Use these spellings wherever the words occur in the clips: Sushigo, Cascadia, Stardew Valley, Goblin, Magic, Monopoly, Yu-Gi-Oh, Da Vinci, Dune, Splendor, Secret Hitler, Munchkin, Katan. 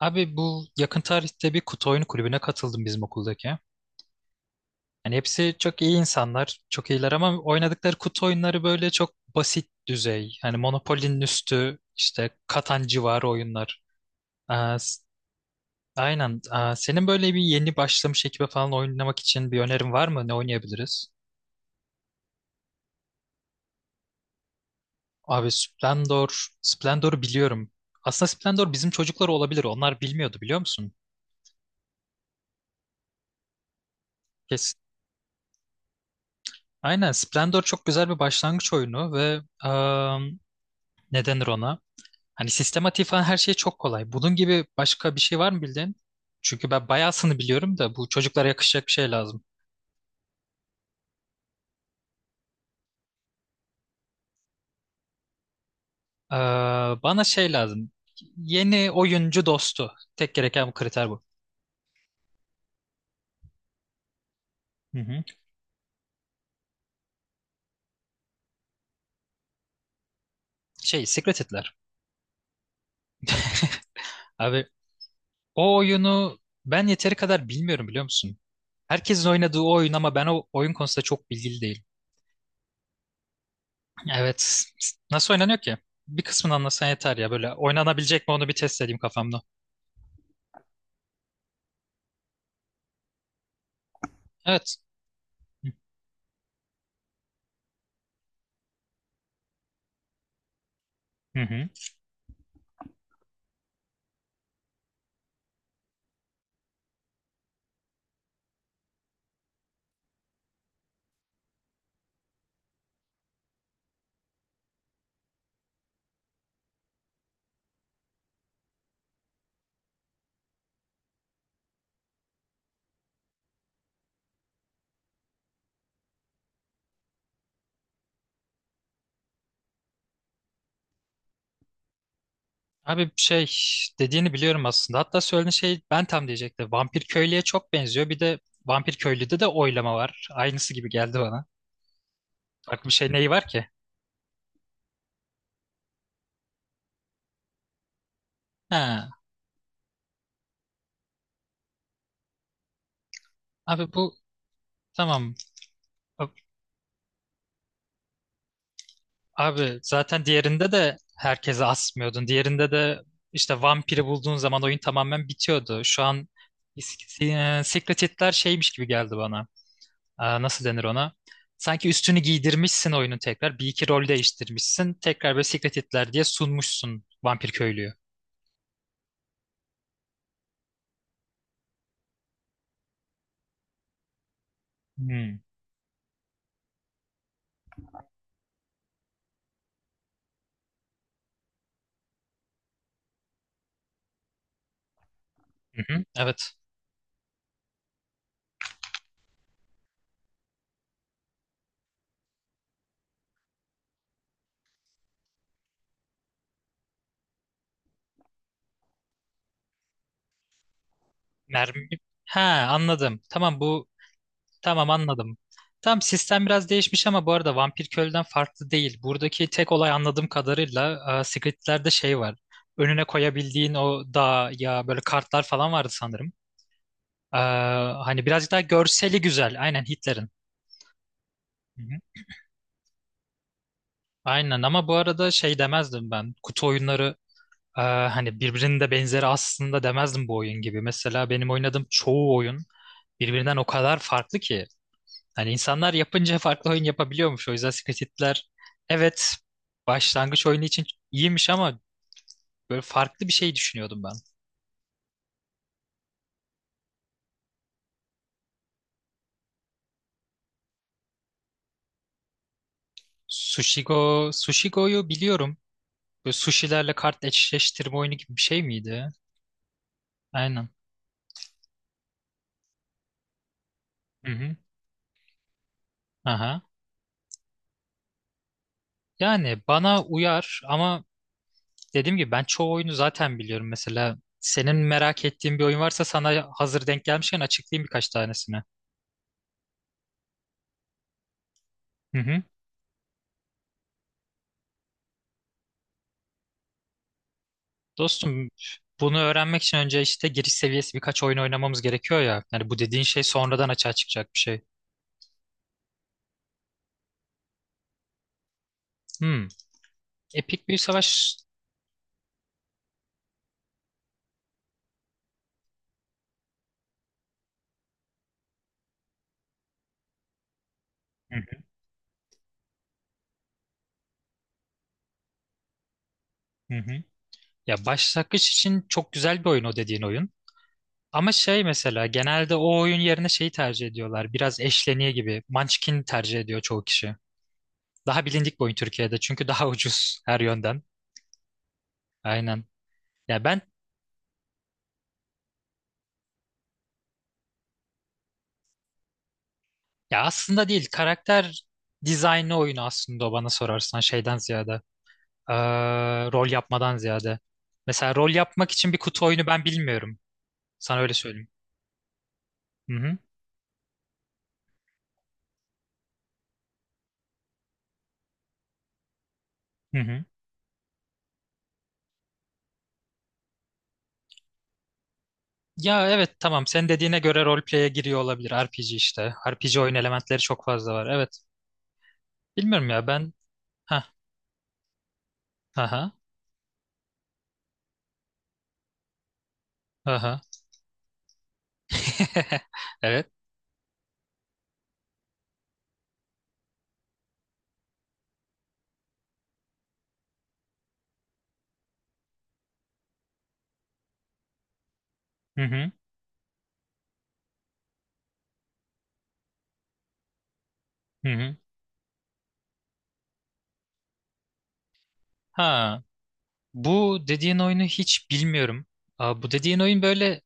Abi bu yakın tarihte bir kutu oyunu kulübüne katıldım bizim okuldaki. Hani hepsi çok iyi insanlar, çok iyiler ama oynadıkları kutu oyunları böyle çok basit düzey. Hani Monopoly'nin üstü, işte Katan civarı oyunlar. Aa, aynen. Aa, senin böyle bir yeni başlamış ekibe falan oynamak için bir önerin var mı? Ne oynayabiliriz? Abi Splendor, Splendor'u biliyorum. Aslında Splendor bizim çocuklar olabilir. Onlar bilmiyordu biliyor musun? Kesin. Aynen Splendor çok güzel bir başlangıç oyunu ve ne denir ona? Hani sistematik falan her şey çok kolay. Bunun gibi başka bir şey var mı bildiğin? Çünkü ben bayağısını biliyorum da bu çocuklara yakışacak bir şey lazım. Ee, Bana şey lazım. Yeni oyuncu dostu. Tek gereken bu, kriter bu. Hı hı. Şey, Secret Hitler. Abi o oyunu ben yeteri kadar bilmiyorum biliyor musun? Herkesin oynadığı o oyun ama ben o oyun konusunda çok bilgili değilim. Evet. Nasıl oynanıyor ki? Bir kısmını anlasan yeter ya. Böyle oynanabilecek mi onu bir test edeyim kafamda. Evet. Hı hı. Abi şey dediğini biliyorum aslında. Hatta söylediğin şey ben tam diyecektim. Vampir köylüye çok benziyor. Bir de vampir köylüde de oylama var. Aynısı gibi geldi bana. Bak bir şey neyi var ki? Ha, abi bu tamam. Ab- Abi zaten diğerinde de herkese asmıyordun. Diğerinde de işte vampiri bulduğun zaman oyun tamamen bitiyordu. Şu an Secret Hitler şeymiş gibi geldi bana. Aa, nasıl denir ona? Sanki üstünü giydirmişsin oyunu tekrar. Bir iki rol değiştirmişsin. Tekrar böyle Secret Hitler diye sunmuşsun vampir köylüyü. Hmm. Hı-hı. Evet. Mermi. Ha, anladım. Tamam bu, tamam anladım. Tamam, sistem biraz değişmiş ama bu arada vampir köylüden farklı değil. Buradaki tek olay anladığım kadarıyla, aa, Secret Hitler'de şey var. Önüne koyabildiğin o dağ ya, böyle kartlar falan vardı sanırım. Aa, hani birazcık daha görseli güzel. Aynen Hitler'in. Aynen ama bu arada şey demezdim ben. Kutu oyunları, e, hani birbirinin de benzeri aslında demezdim bu oyun gibi. Mesela benim oynadığım çoğu oyun birbirinden o kadar farklı ki. Hani insanlar yapınca farklı oyun yapabiliyormuş. O yüzden Secret Hitler, evet, başlangıç oyunu için iyiymiş ama böyle farklı bir şey düşünüyordum ben. Sushigo, Sushigo'yu biliyorum. Böyle sushilerle kart eşleştirme oyunu gibi bir şey miydi? Aynen. Hı hı. Aha. Yani bana uyar ama dediğim gibi ben çoğu oyunu zaten biliyorum. Mesela senin merak ettiğin bir oyun varsa sana hazır denk gelmişken açıklayayım birkaç tanesini. Hı hı. Dostum, bunu öğrenmek için önce işte giriş seviyesi birkaç oyun oynamamız gerekiyor ya. Yani bu dediğin şey sonradan açığa çıkacak bir şey. Hmm. Epik bir savaş. Hı hı. Hı hı. Ya başlangıç için çok güzel bir oyun o dediğin oyun. Ama şey mesela genelde o oyun yerine şeyi tercih ediyorlar. Biraz eşleniği gibi. Munchkin tercih ediyor çoğu kişi. Daha bilindik bir oyun Türkiye'de çünkü daha ucuz her yönden. Aynen. Ya ben ya aslında değil, karakter dizaynı oyunu aslında o bana sorarsan şeyden ziyade, eee, rol yapmadan ziyade. Mesela rol yapmak için bir kutu oyunu ben bilmiyorum. Sana öyle söyleyeyim. Hı hı. Hı hı. Ya evet, tamam, senin dediğine göre roleplay'e giriyor olabilir RPG işte. RPG oyun elementleri çok fazla var. Evet. Bilmiyorum ya ben. Ha ha ha. Evet. Hı hı. Hı hı. Ha, bu dediğin oyunu hiç bilmiyorum. Aa, bu dediğin oyun böyle,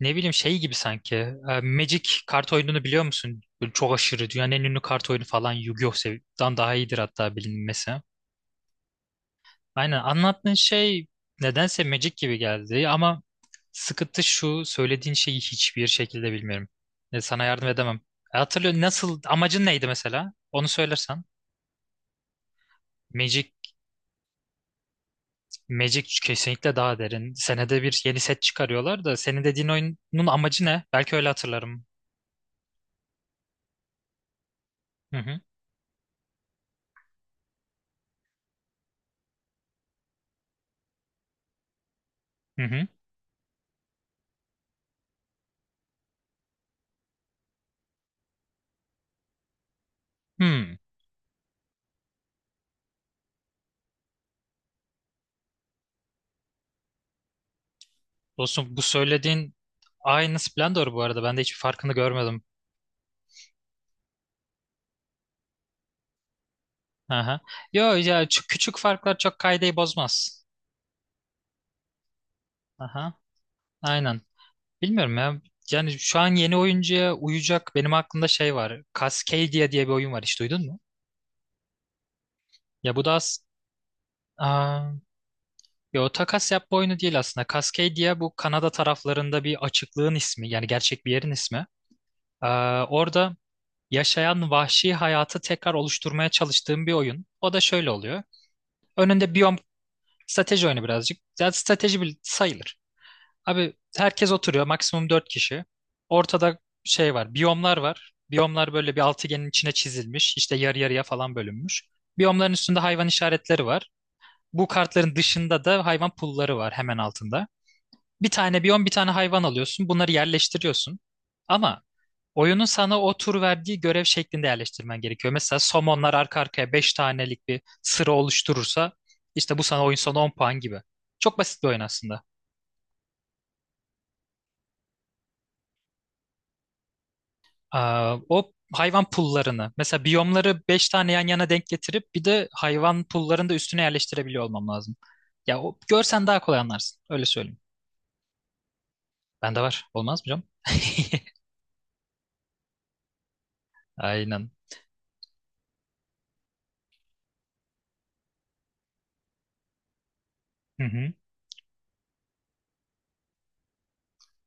ne bileyim, şey gibi sanki. E, Magic kart oyununu biliyor musun? Böyle çok aşırı, dünyanın en ünlü kart oyunu falan, Yu-Gi-Oh'dan daha iyidir hatta bilinmesi. Aynen, anlattığın şey nedense Magic gibi geldi ama sıkıntı şu, söylediğin şeyi hiçbir şekilde bilmiyorum. E, sana yardım edemem. E, hatırlıyor, nasıl, amacın neydi mesela? Onu söylersen. Magic Magic kesinlikle daha derin. Senede bir yeni set çıkarıyorlar da senin dediğin oyunun amacı ne? Belki öyle hatırlarım. Hı hı. Hı hı. Hı. Dostum, bu söylediğin aynı Splendor bu arada. Ben de hiçbir farkını görmedim. Aha. Yo ya, çok küçük farklar çok kaydeyi bozmaz. Aha. Aynen. Bilmiyorum ya. Yani şu an yeni oyuncuya uyacak benim aklımda şey var. Cascadia diye bir oyun var, hiç duydun mu? Ya bu da as Aa, yo, takas yapma oyunu değil aslında. Cascadia bu Kanada taraflarında bir açıklığın ismi. Yani gerçek bir yerin ismi. Aa, orada yaşayan vahşi hayatı tekrar oluşturmaya çalıştığım bir oyun. O da şöyle oluyor. Önünde biyom. Strateji oyunu birazcık. Zaten strateji sayılır. Abi herkes oturuyor. Maksimum 4 kişi. Ortada şey var. Biyomlar var. Biyomlar böyle bir altıgenin içine çizilmiş, işte yarı yarıya falan bölünmüş. Biyomların üstünde hayvan işaretleri var. Bu kartların dışında da hayvan pulları var hemen altında. Bir tane biyon, bir tane hayvan alıyorsun. Bunları yerleştiriyorsun. Ama oyunun sana o tur verdiği görev şeklinde yerleştirmen gerekiyor. Mesela somonlar arka arkaya 5 tanelik bir sıra oluşturursa işte bu sana oyun sonu 10 puan gibi. Çok basit bir oyun aslında. Aa, o hayvan pullarını mesela, biyomları 5 tane yan yana denk getirip bir de hayvan pullarını da üstüne yerleştirebiliyor olmam lazım. Ya o, görsen daha kolay anlarsın. Öyle söyleyeyim. Bende var. Olmaz mı canım? Aynen. Hı hı.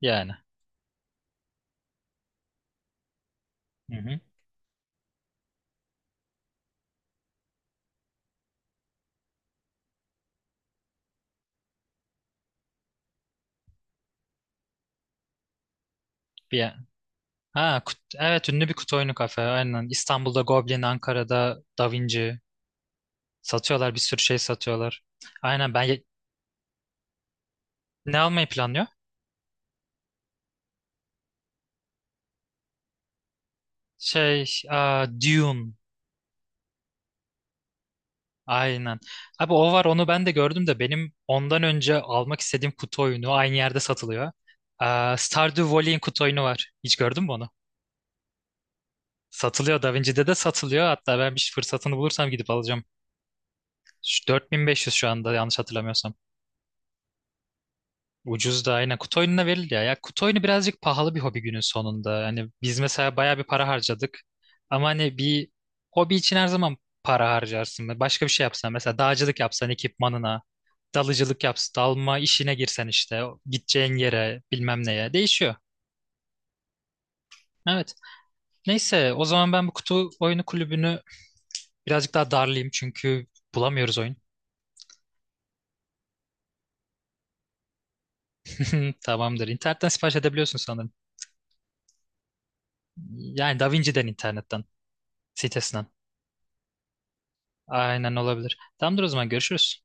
Yani. Hı hı. Bir, Ha, evet, ünlü bir kutu oyunu kafe. Aynen. İstanbul'da Goblin, Ankara'da Da Vinci. Satıyorlar, bir sürü şey satıyorlar. Aynen ben ne almayı planlıyor? Şey, aa, Dune. Aynen. Abi o var, onu ben de gördüm de benim ondan önce almak istediğim kutu oyunu aynı yerde satılıyor. Aa, Stardew Valley'in kutu oyunu var. Hiç gördün mü onu? Satılıyor. Da Vinci'de de satılıyor. Hatta ben bir fırsatını bulursam gidip alacağım. Şu 4.500 şu anda, yanlış hatırlamıyorsam. Ucuz da aynen. Kutu oyununa verildi ya. Ya kutu oyunu birazcık pahalı bir hobi günün sonunda. Hani biz mesela bayağı bir para harcadık. Ama hani bir hobi için her zaman para harcarsın. Başka bir şey yapsan mesela dağcılık yapsan ekipmanına, dalıcılık yapsan, dalma işine girsen işte gideceğin yere bilmem neye değişiyor. Evet. Neyse, o zaman ben bu kutu oyunu kulübünü birazcık daha darlayayım çünkü bulamıyoruz oyun. Tamamdır. İnternetten sipariş edebiliyorsun sanırım. Yani DaVinci'den, internetten, sitesinden. Aynen, olabilir. Tamamdır, o zaman görüşürüz.